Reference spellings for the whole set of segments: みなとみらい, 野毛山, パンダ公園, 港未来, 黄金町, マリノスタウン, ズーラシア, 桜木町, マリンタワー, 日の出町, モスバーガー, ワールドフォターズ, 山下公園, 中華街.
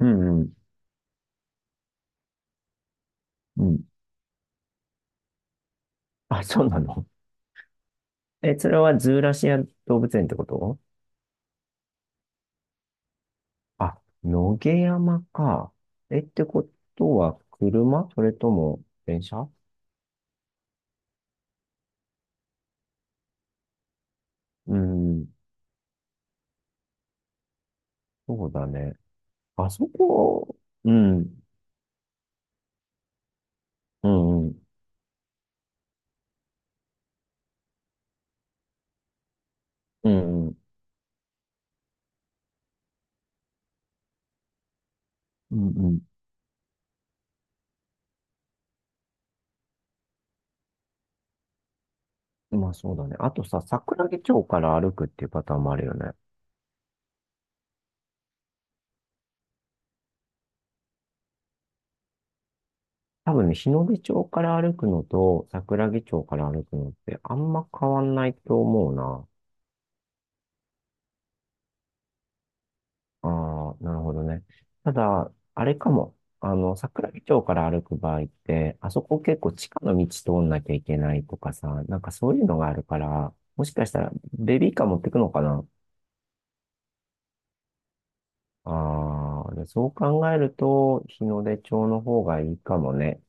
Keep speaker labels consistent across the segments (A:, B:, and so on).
A: うんうん、うん。あ、そうなの？え、それはズーラシア動物園ってこと？あ、野毛山か。え、ってことは車それとも電車？うん、そうだね。あそこ、うん、うん、うん、うん、うん、うんうんうんうんうんうん。まあそうだね。あとさ、桜木町から歩くっていうパターンもあるよね。多分ね、日の出町から歩くのと桜木町から歩くのってあんま変わんないと思うな。ああ、なるほどね。ただ、あれかも。桜木町から歩く場合って、あそこ結構地下の道通んなきゃいけないとかさ、なんかそういうのがあるから、もしかしたらベビーカー持ってくのかな？ああ、でそう考えると、日の出町の方がいいかもね。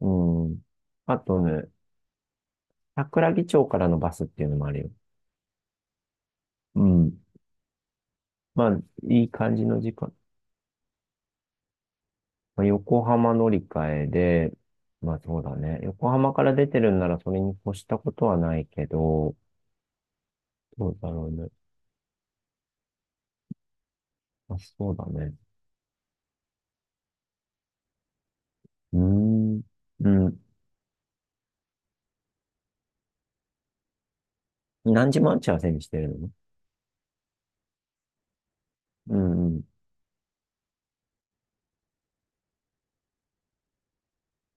A: うん。あとね、桜木町からのバスっていうのもあるよ。うん。まあ、いい感じの時間。まあ、横浜乗り換えで、まあそうだね。横浜から出てるんならそれに越したことはないけど、どうだろうね。まあ、そうだね。うーん。うん。何時待ち合わせにしてるの？うんうん。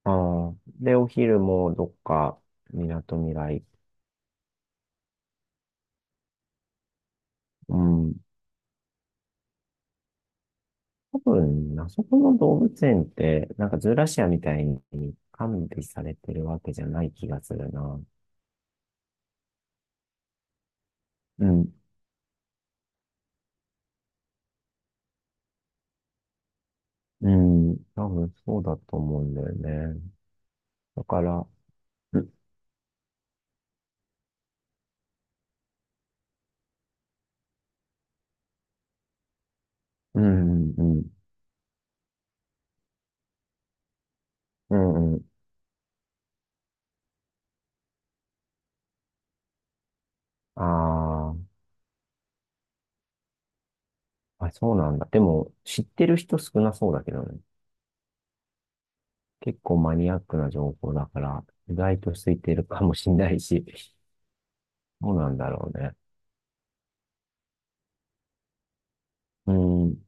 A: ああ。で、お昼もどっか、みなとみらい。うん。多分、あそこの動物園って、なんかズーラシアみたいに管理されてるわけじゃない気がするな。うん。うん。多分そうだと思うんだよね。だから、うんうんうんうんうん。ああー、あ、そうなんだ。でも、知ってる人少なそうだけどね。結構マニアックな情報だから、意外と空いてるかもしんないし、どうなんだろうね。うん。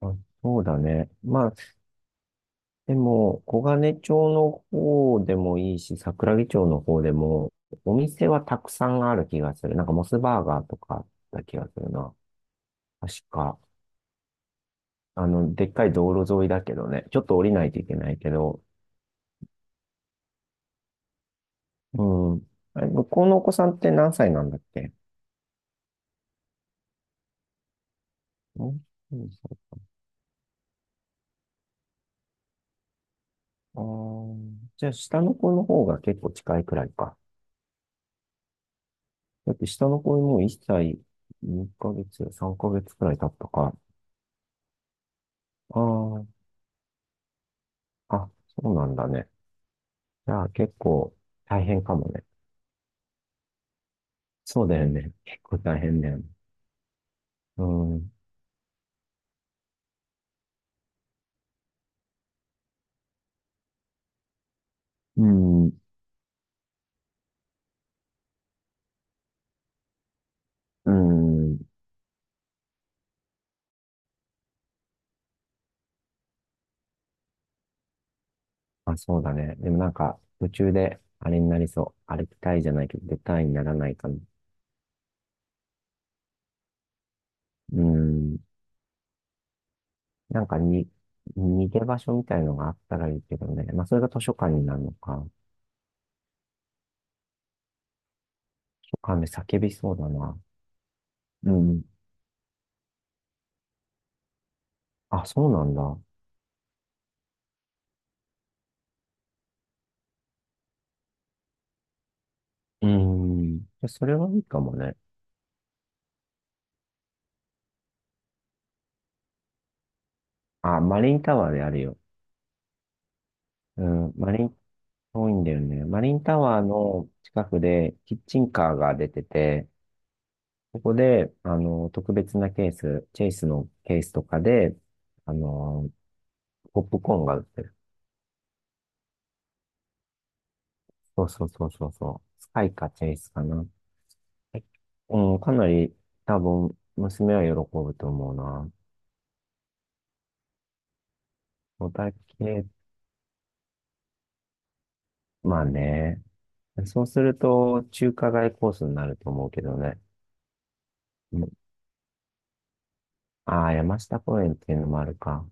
A: あ、そうだね。まあ、でも、黄金町の方でもいいし、桜木町の方でも、お店はたくさんある気がする。なんかモスバーガーとかあった気がするな。確か、でっかい道路沿いだけどね。ちょっと降りないといけないけど、うん。あれ、向こうのお子さんって何歳なんだっけ？うん、そうそう。ああ、じゃあ、下の子の方が結構近いくらいか。だって下の子もう1歳2ヶ月、3ヶ月くらい経ったか。あああ、そうなんだね。じゃあ、結構大変かもね。そうだよね。結構大変だよね。うん。うん。うん。あ、そうだね。でもなんか、途中であれになりそう。歩きたいじゃないけど、出たいにならないかな。うん。なんかに、逃げ場所みたいのがあったらいいけどね。まあ、それが図書館になるのか。図書館で叫びそうだな。うん。あ、そうなんだ。うん。じゃそれはいいかもね。あ、マリンタワーであるよ。うん。マリン、遠いんだよね。マリンタワーの近くでキッチンカーが出てて、ここで、特別なケース、チェイスのケースとかで、あの、ポップコーンが売ってる。そうそうそうそうそう。スカイかチェイスかな。はい、うん、かなり多分、娘は喜ぶと思うな。おたけ、まあね。そうすると、中華街コースになると思うけどね。うん、ああ、山下公園っていうのもあるか。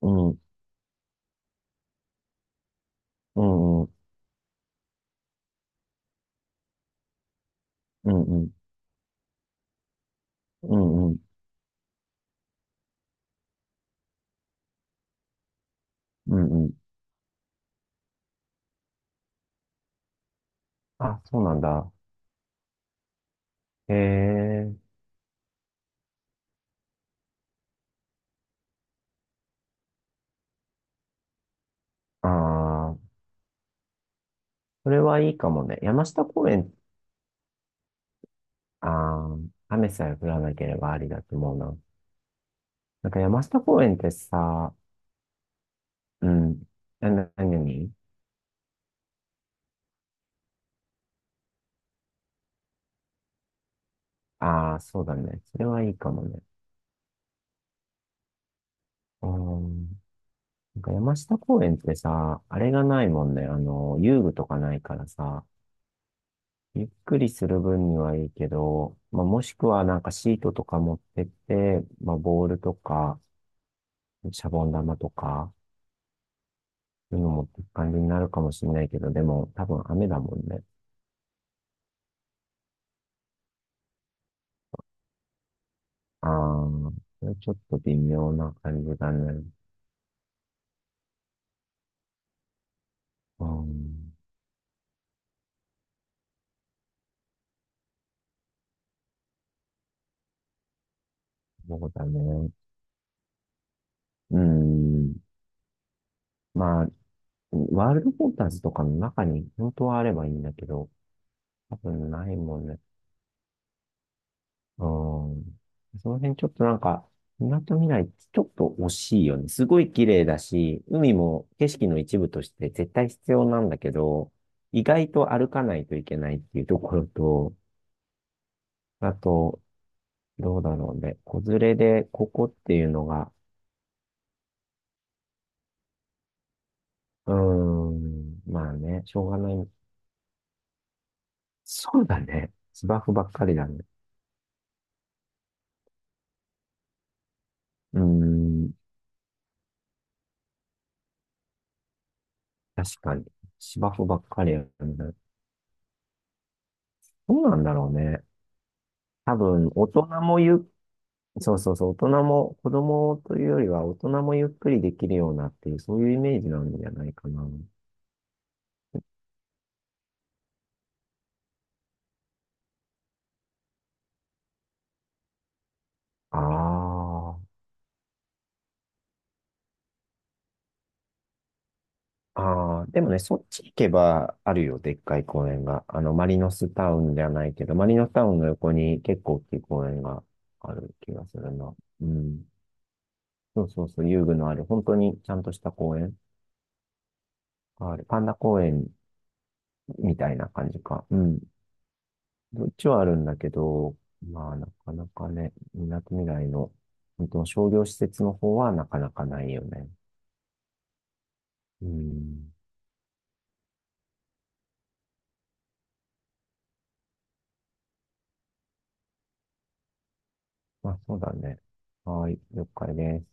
A: うん、うん、うん、うん、うん、うん、うん、うん。あ、そうなんだ。へえ、ああ、それはいいかもね。山下公園、ああ、雨さえ降らなければありだと思うな。なんか山下公園ってさ、うん、何？ああ、そうだね。それはいいかもね。うーん。なんか山下公園ってさ、あれがないもんね。遊具とかないからさ、ゆっくりする分にはいいけど、まあ、もしくはなんかシートとか持ってって、まあ、ボールとか、シャボン玉とか、そういうの持っていく感じになるかもしれないけど、でも多分雨だもんね。ああ、それちょっと微妙な感じだね。うん、そうだね。うん。まあ、ワールドフォターズとかの中に本当はあればいいんだけど、多分ないもんね。うん。その辺ちょっとなんか、港未来ってちょっと惜しいよね。すごい綺麗だし、海も景色の一部として絶対必要なんだけど、意外と歩かないといけないっていうところと、あと、どうだろうね。子連れでここっていうのが、うーん、まあね、しょうがない。そうだね。芝生ばっかりだね。うーん。確かに。芝生ばっかりやるんだ。どうなんだろうね。多分、大人もそうそうそう、大人も、子供というよりは大人もゆっくりできるようなっていう、そういうイメージなんじゃないかな。ああ、ああ、でもね、そっち行けばあるよ、でっかい公園が。マリノスタウンじゃないけど、マリノスタウンの横に結構大きい公園がある気がするな。うん。そうそうそう、遊具のある、本当にちゃんとした公園がある。パンダ公園みたいな感じか。うん。どっちはあるんだけど、まあ、なかなかね、みなとみらいの、本当の商業施設の方はなかなかないよね。うん。まあ、そうだね。はい、了解です。